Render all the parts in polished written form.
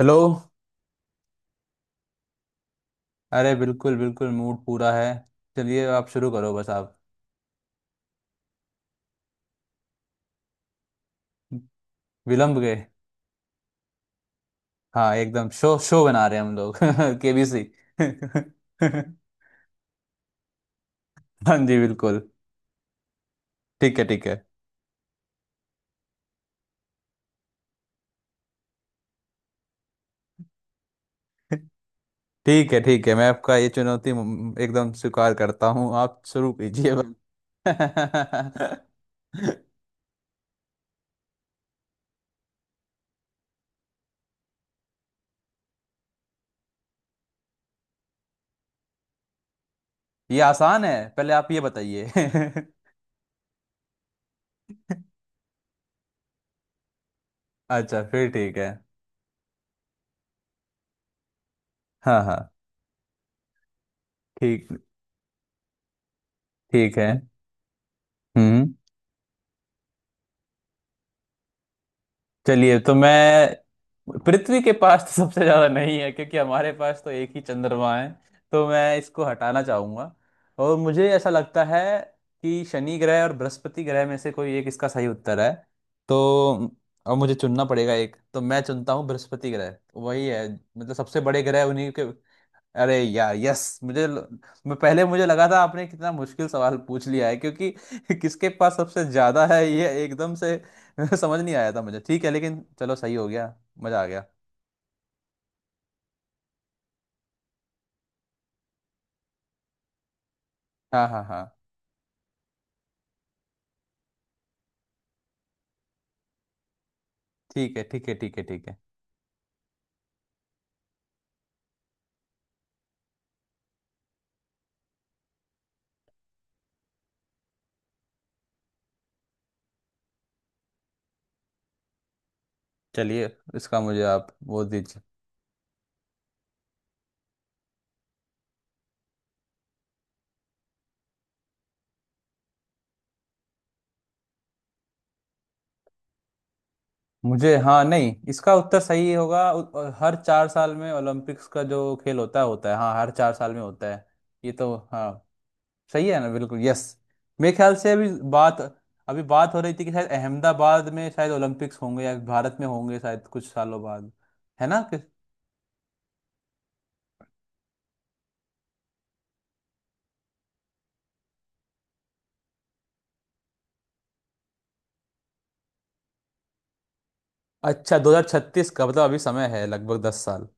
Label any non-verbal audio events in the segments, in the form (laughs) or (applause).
Hello. अरे, बिल्कुल बिल्कुल मूड पूरा है। चलिए, आप शुरू करो बस। आप विलंब गए। हाँ, एकदम शो शो बना रहे हैं हम लोग (laughs) केबीसी। हाँ जी, बिल्कुल। ठीक है, ठीक है, ठीक है, ठीक है। मैं आपका ये चुनौती एकदम स्वीकार करता हूँ। आप शुरू कीजिए बस। (laughs) ये आसान है, पहले आप ये बताइए। (laughs) अच्छा, फिर ठीक है। हाँ, हाँ। ठीक। ठीक है। हम्म। चलिए, तो मैं पृथ्वी के पास तो सबसे ज्यादा नहीं है, क्योंकि हमारे पास तो एक ही चंद्रमा है, तो मैं इसको हटाना चाहूंगा। और मुझे ऐसा लगता है कि शनि ग्रह और बृहस्पति ग्रह में से कोई एक इसका सही उत्तर है। तो अब मुझे चुनना पड़ेगा एक, तो मैं चुनता हूँ बृहस्पति ग्रह, वही है, मतलब सबसे बड़े ग्रह उन्हीं के। अरे यार, यस! मैं पहले, मुझे लगा था आपने कितना मुश्किल सवाल पूछ लिया है, क्योंकि (laughs) किसके पास सबसे ज्यादा है ये एकदम से (laughs) समझ नहीं आया था मुझे। ठीक है, लेकिन चलो सही हो गया। मजा आ गया। हाँ, हाँ, हाँ। ठीक है, ठीक है, ठीक है, ठीक है। चलिए, इसका मुझे आप वो दीजिए। मुझे, हाँ, नहीं इसका उत्तर सही होगा। हर 4 साल में ओलंपिक्स का जो खेल होता है। हाँ, हर 4 साल में होता है। ये तो हाँ, सही है ना, बिल्कुल। यस! मेरे ख्याल से अभी बात हो रही थी कि शायद अहमदाबाद में शायद ओलंपिक्स होंगे, या भारत में होंगे शायद कुछ सालों बाद। है ना? अच्छा, 2036 का मतलब अभी समय है लगभग 10 साल।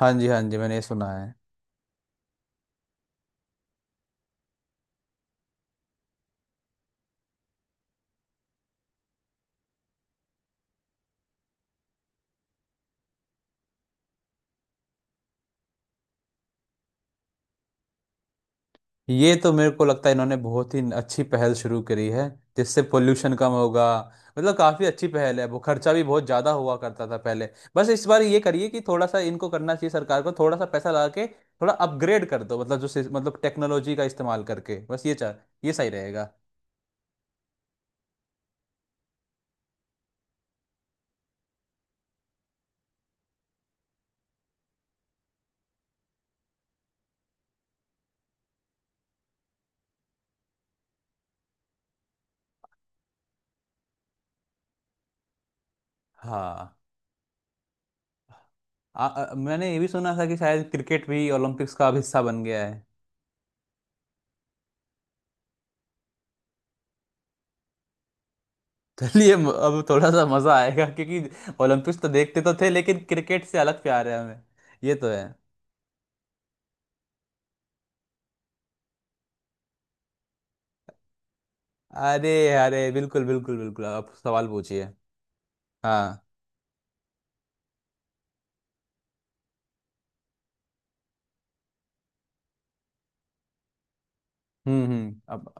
हाँ जी, हाँ जी, मैंने ये सुना है। ये तो मेरे को लगता है इन्होंने बहुत ही अच्छी पहल शुरू करी है, जिससे पोल्यूशन कम होगा। मतलब काफ़ी अच्छी पहल है। वो खर्चा भी बहुत ज़्यादा हुआ करता था पहले। बस इस बार ये करिए कि थोड़ा सा इनको करना चाहिए सरकार को, थोड़ा सा पैसा लगा के थोड़ा अपग्रेड कर दो, मतलब जो मतलब टेक्नोलॉजी का इस्तेमाल करके, बस ये चाह, ये सही रहेगा। हाँ, आ, आ, मैंने ये भी सुना था कि शायद क्रिकेट भी ओलंपिक्स का अब हिस्सा बन गया है। (laughs) चलिए, अब थोड़ा सा मज़ा आएगा, क्योंकि ओलंपिक्स तो देखते तो थे, लेकिन क्रिकेट से अलग प्यार है हमें। ये तो है। अरे, अरे, बिल्कुल बिल्कुल बिल्कुल, आप सवाल पूछिए। हाँ। हम्म, हम्म, अब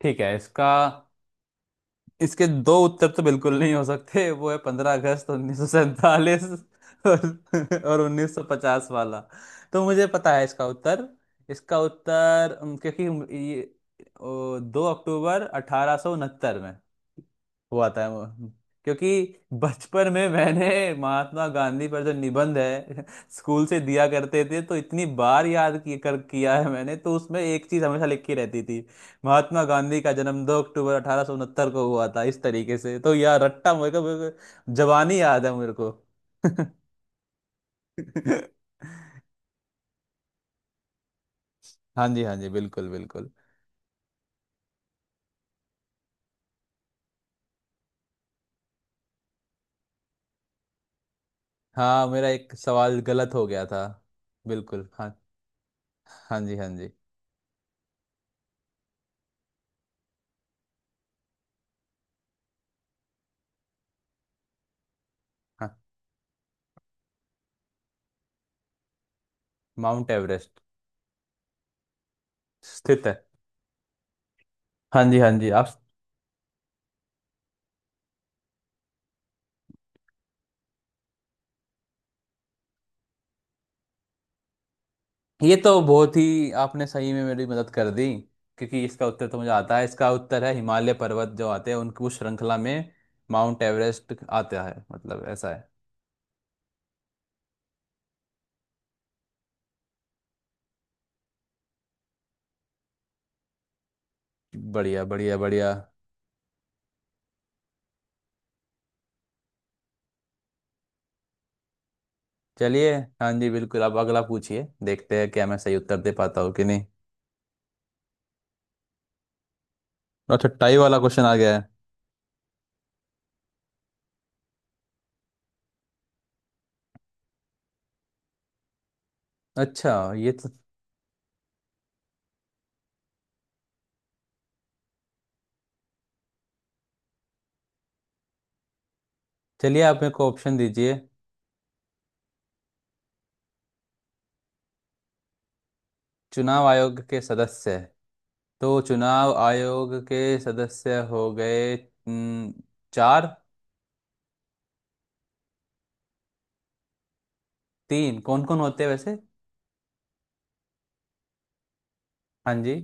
ठीक है। इसका इसके दो उत्तर तो बिल्कुल नहीं हो सकते, वो है 15 अगस्त 1947, और 1950 वाला। तो मुझे पता है इसका उत्तर। इसका उत्तर, क्योंकि ये 2 अक्टूबर 1869 में हुआ था वो। क्योंकि बचपन में मैंने महात्मा गांधी पर जो निबंध है स्कूल से दिया करते थे, तो इतनी बार याद किया कर किया है मैंने, तो उसमें एक चीज हमेशा लिखी रहती थी। महात्मा गांधी का जन्म 2 अक्टूबर 1869 को हुआ था। इस तरीके से तो यार रट्टा मेरे को, जवानी याद है मेरे को। (laughs) हाँ जी, हाँ जी, बिल्कुल बिल्कुल। हाँ, मेरा एक सवाल गलत हो गया था। बिल्कुल, हाँ। हाँ जी, हाँ जी। हाँ। माउंट एवरेस्ट स्थित है। हाँ जी, हाँ जी। आप, ये तो बहुत ही आपने सही में मेरी मदद कर दी, क्योंकि इसका उत्तर तो मुझे आता है। इसका उत्तर है हिमालय पर्वत। जो आते हैं उनकी उस श्रृंखला में माउंट एवरेस्ट आता है, मतलब ऐसा है। बढ़िया, बढ़िया, बढ़िया। चलिए, हाँ जी, बिल्कुल, आप अगला पूछिए। देखते हैं क्या मैं सही उत्तर दे पाता हूँ कि नहीं। अच्छा, टाई वाला क्वेश्चन आ गया है। अच्छा, ये तो, चलिए आप मेरे को ऑप्शन दीजिए। चुनाव आयोग के सदस्य? तो चुनाव आयोग के सदस्य हो गए, चार। तीन? कौन कौन होते हैं वैसे? हाँ जी।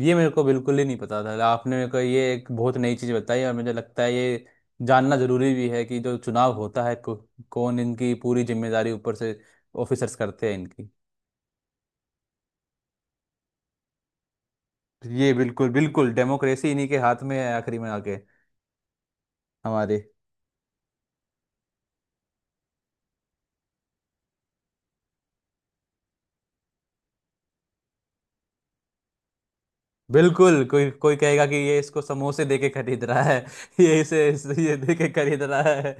ये मेरे को बिल्कुल ही नहीं पता था, आपने मेरे को ये एक बहुत नई चीज़ बताई, और मुझे लगता है ये जानना जरूरी भी है कि जो चुनाव होता है कौन इनकी पूरी जिम्मेदारी ऊपर से ऑफिसर्स करते हैं इनकी। ये बिल्कुल बिल्कुल डेमोक्रेसी इन्हीं के हाथ में है आखिरी में आके। हमारे। बिल्कुल। कोई कोई कहेगा कि ये इसको समोसे दे के खरीद रहा है। (laughs) ये इसे इसे ये दे के खरीद रहा है।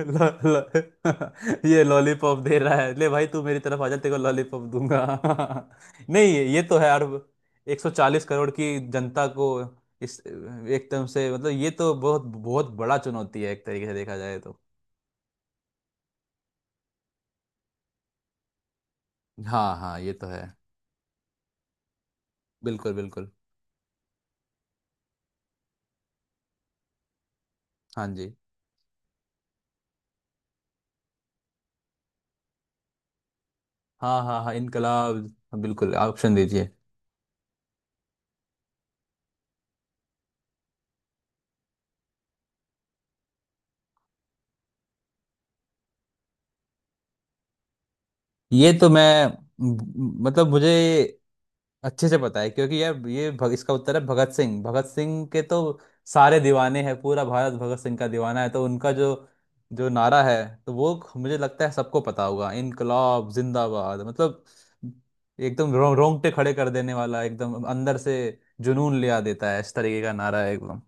लो, लो, (laughs) ये लॉलीपॉप दे रहा है, ले भाई तू मेरी तरफ आ जा, तेरे को लॉलीपॉप दूंगा। (laughs) नहीं, ये तो है यार, 140 करोड़ की जनता को इस एकदम से, मतलब ये तो बहुत बहुत बड़ा चुनौती है एक तरीके से देखा जाए तो। हाँ, हाँ, ये तो है। बिल्कुल बिल्कुल। हाँ जी। हाँ, हाँ, हाँ, इनकलाब। बिल्कुल, ऑप्शन दीजिए। ये तो मैं, म- मतलब मुझे अच्छे से पता है, क्योंकि यार ये इसका उत्तर है भगत सिंह। भगत सिंह के तो सारे दीवाने हैं, पूरा भारत भगत सिंह का दीवाना है, तो उनका जो जो नारा है, तो वो मुझे लगता है सबको पता होगा। इनकलाब जिंदाबाद, मतलब एकदम रोंगटे खड़े कर देने वाला, एकदम अंदर से जुनून ले आ देता है। इस तरीके का नारा है एकदम।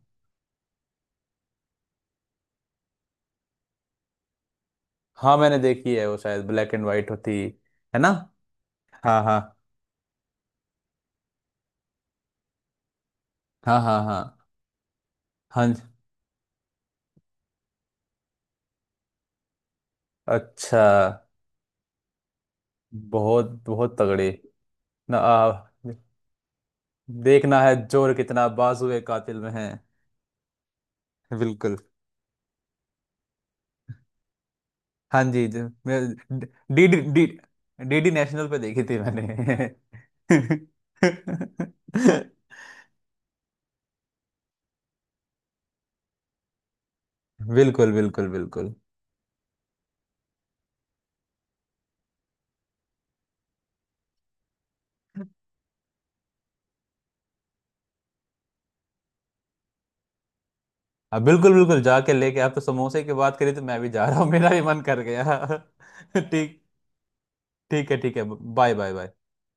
हाँ, मैंने देखी है। वो शायद ब्लैक एंड वाइट होती। है ना? हाँ, हाँ। हाँ, हाँ, हाँ। हाँ अच्छा। बहुत बहुत तगड़ी। ना, देखना है जोर कितना बाजुए कातिल में है। बिल्कुल। हाँ जी, जी। मैं, D D D DD National पे देखी थी मैंने। (laughs) बिल्कुल बिल्कुल बिल्कुल। अब, बिल्कुल बिल्कुल। जाके लेके आप, तो समोसे की बात करी तो मैं भी जा रहा हूँ, मेरा भी मन कर गया। (laughs) ठीक। ठीक है, ठीक है। Bye, bye, bye.